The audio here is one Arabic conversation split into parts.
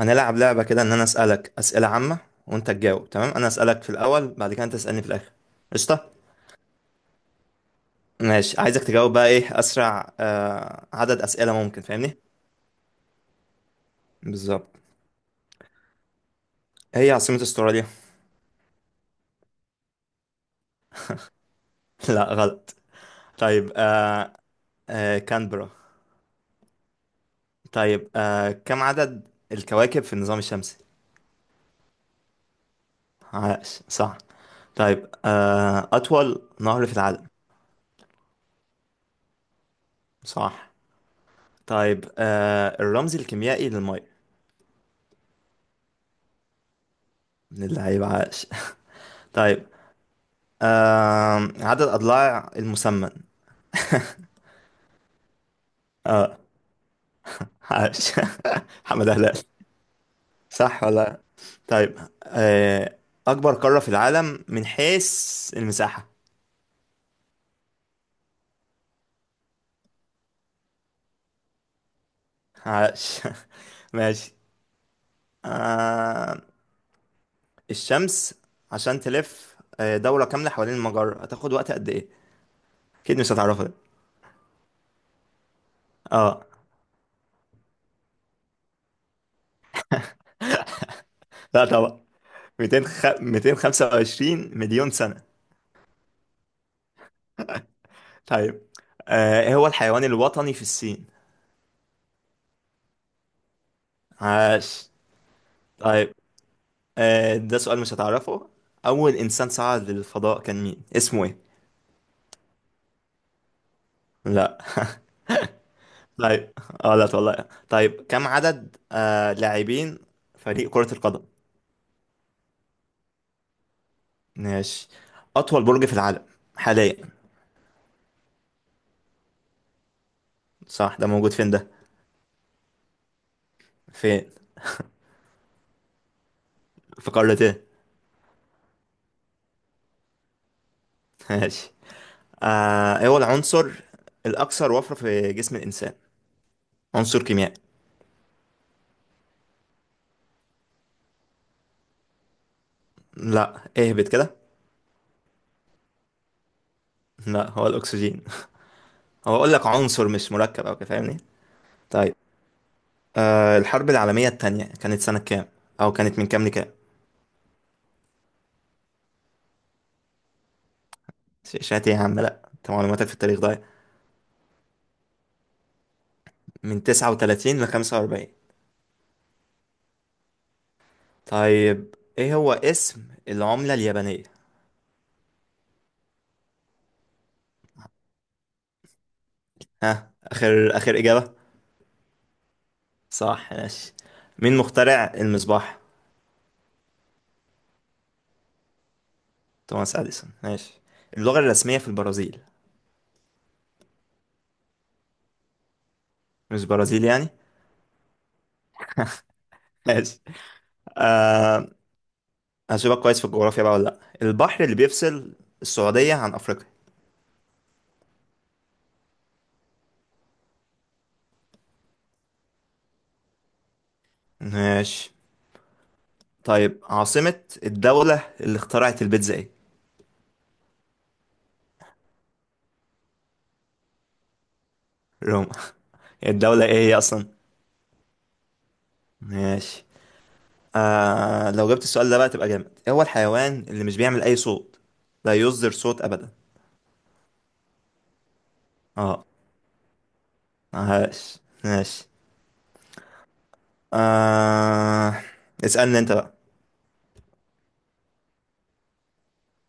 هنلعب لعبة كده إن أنا أسألك أسئلة عامة، وأنت تجاوب. تمام؟ أنا أسألك في الأول، بعد كده أنت تسألني في الآخر. قشطة. ماشي، عايزك تجاوب بقى إيه أسرع عدد أسئلة ممكن، فاهمني؟ بالظبط. هي عاصمة أستراليا؟ لا، غلط. طيب. كانبرا. طيب، كم عدد الكواكب في النظام الشمسي؟ عاش، صح. طيب، أطول نهر في العالم؟ صح. طيب، الرمز الكيميائي للمية؟ من اللعيبة، عاش. طيب، عدد أضلاع المسمن؟ اه، عاش. حمد هلال، صح ولا؟ طيب، أكبر قارة في العالم من حيث المساحة؟ عاش. ماشي. آه الشمس، عشان تلف دورة كاملة حوالين المجرة، هتاخد وقت قد إيه؟ أكيد مش هتعرفها دي. اه، لا طبعا. 200 225 مليون سنة. طيب، إيه هو الحيوان الوطني في الصين؟ عاش. طيب، ده سؤال مش هتعرفه. أول إنسان صعد للفضاء كان مين؟ اسمه إيه؟ لا. طيب. اه لا والله. طيب، كم عدد لاعبين فريق كرة القدم؟ ماشي. أطول برج في العالم حاليا؟ صح، ده موجود فين ده؟ فين؟ في قارة إيه؟ ماشي. إيه هو العنصر الأكثر وفرة في جسم الإنسان؟ عنصر كيميائي. لا، اهبط كده. لا، هو الأكسجين. هو أقول لك عنصر، مش مركب أو كده، فاهمني؟ طيب، الحرب العالمية التانية كانت سنة كام؟ أو كانت من كام لكام؟ شات إيه يا عم، لأ، أنت معلوماتك في التاريخ ضايع. من 39 لخمسة وأربعين. طيب، إيه هو اسم العملة اليابانية؟ ها، آخر آخر إجابة؟ صح، ماشي. مين مخترع المصباح؟ توماس أديسون، ماشي. اللغة الرسمية في البرازيل؟ مش برازيل يعني؟ ماشي. آه هشوفك كويس في الجغرافيا بقى ولا لأ. البحر اللي بيفصل السعودية عن أفريقيا؟ ماشي. طيب، عاصمة الدولة اللي اخترعت البيتزا ايه؟ روما. الدولة ايه هي اصلا؟ ماشي. لو جبت السؤال ده بقى تبقى جامد، ايه هو الحيوان اللي مش بيعمل اي صوت، لا يصدر صوت ابدا؟ اه، ماشي ماشي. آه اسألني انت بقى.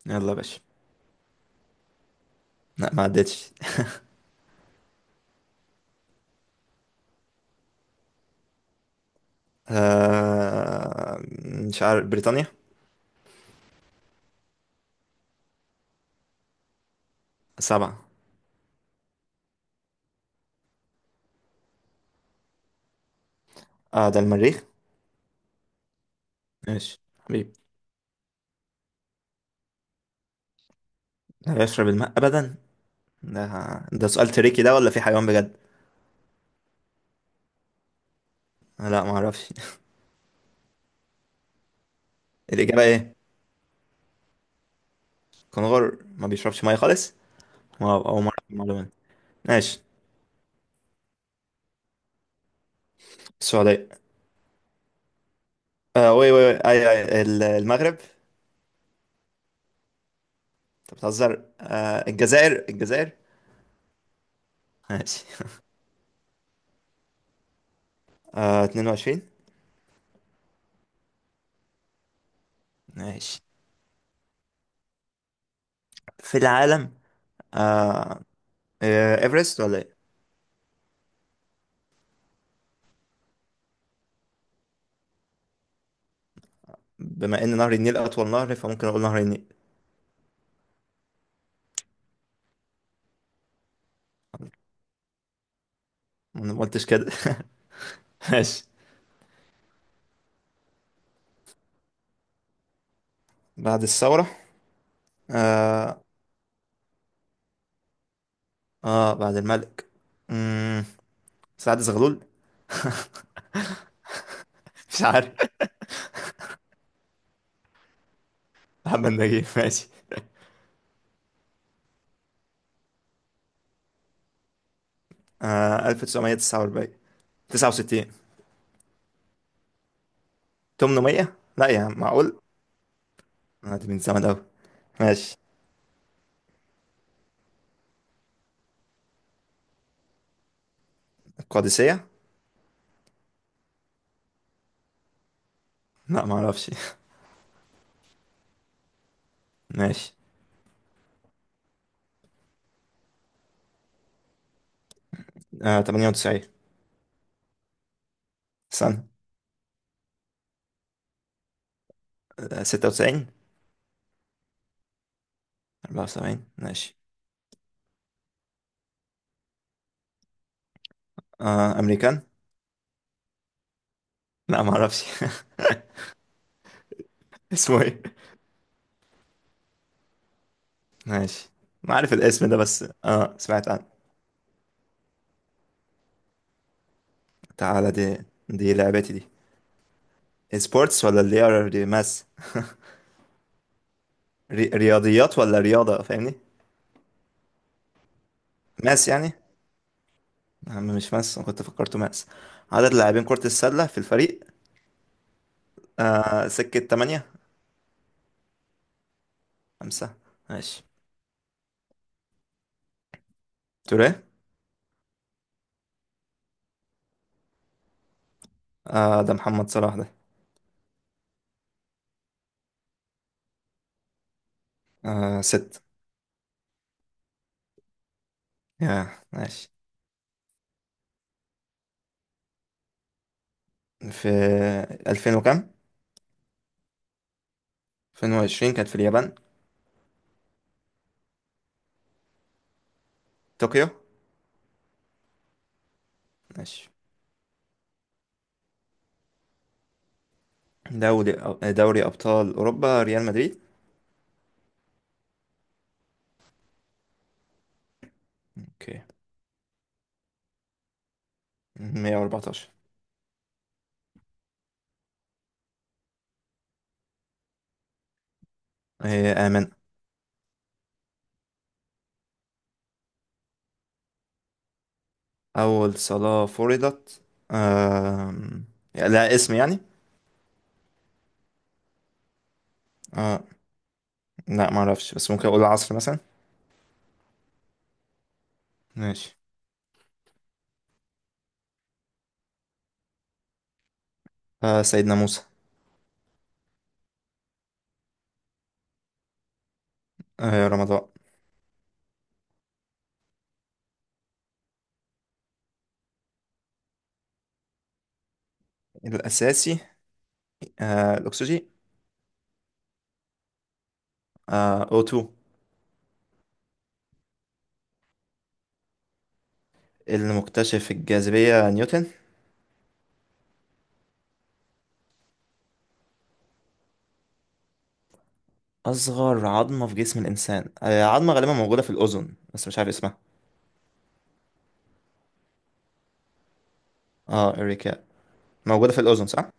يلا يا باشا. لا، ما عدتش. آه مش عارف، بريطانيا. سبعة. اه، ده المريخ. ماشي حبيبي. لا يشرب الماء ابدا؟ ده ده سؤال تريكي ده، ولا في حيوان بجد؟ لا، ما اعرفش. الإجابة إيه؟ كنغر ما بيشربش مية خالص؟ ما أول مرة أعرف المعلومة دي. ماشي. السعودية. آه وي وي وي أي أي ال- المغرب، أنت بتهزر. الجزائر الجزائر. ماشي. 22. ماشي. في العالم. آه إيفرست ولا إيه؟ بما إن نهر النيل أطول نهر، فممكن أقول نهر النيل. ما أنا قلتش كده. ماشي. بعد الثورة. آه بعد الملك. مم، سعد زغلول. مش عارف. محمد نجيب، ماشي. 1949، 69، 800؟ لا يا عم، معقول؟ دي من زمان أوي. ماشي. القادسية. لا، ما اعرفش. ماشي. 98 سنة. 96. 74، ماشي. أمريكان. لا، ما اعرفش. اسمه ايه؟ ماشي. ما عارف الاسم ده، بس سمعت عنه. تعالى دي لعبتي دي. سبورتس ولا اللي هي ماس؟ رياضيات ولا رياضة، فاهمني؟ ماس يعني. يا عم مش ماس، أنا كنت فكرته ماس. عدد لاعبين كرة السلة في الفريق. سكة تمانية. خمسة. ماشي. توريه. ده محمد صلاح ده. ست. يا ماشي. في ألفين وكام؟ 2020 كانت في اليابان. طوكيو. ماشي. دوري دوري أبطال أوروبا، ريال مدريد. اوكي. 114. هي آمن. أول صلاة فرضت؟ آم، لا، اسم يعني. آه لا معرفش، بس ممكن أقول العصر مثلا. ماشي. سيدنا موسى. رمضان. الأساسي، الأكسجين. أوتو. اللي مكتشف الجاذبية، نيوتن. أصغر عظمة في جسم الإنسان عظمة غالبا موجودة في الأذن، بس مش عارف اسمها. اه، إريكا؟ موجودة في الأذن، صح؟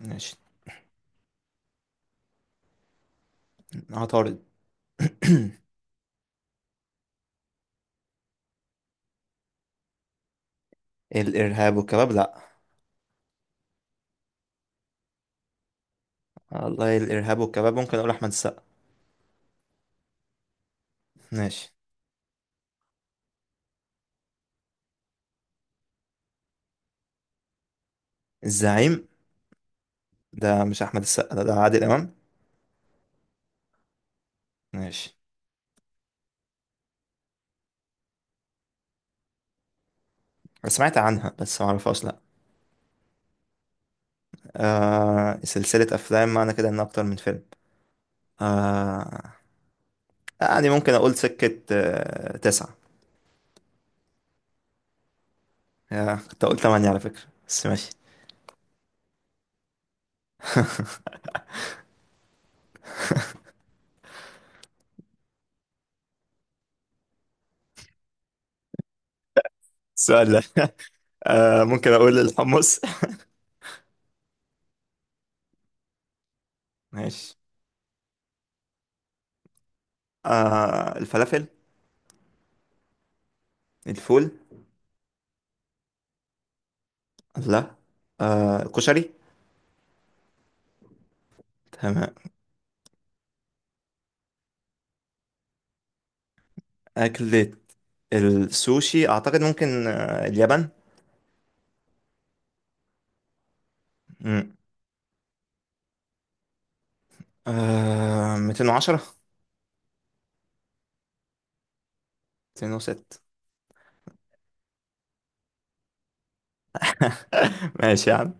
ماشي. عطارد. الإرهاب والكباب؟ لأ. والله الإرهاب والكباب ممكن أقول أحمد السقا. ماشي. الزعيم. ده مش أحمد السقا ده، ده عادل إمام. ماشي. أنا سمعت عنها بس معرفهاش، لأ. سلسلة أفلام، معنى كده إن أكتر من فيلم. آه يعني ممكن أقول سكة تسعة. يا كنت اقول تمانية على فكرة، بس ماشي. سؤال ده. ممكن اقول الحمص. ماشي. الفلافل. الفول. لا. الكشري. تمام. أكلة السوشي أعتقد ممكن اليابان. مم. 210، 206. ماشي يا عم.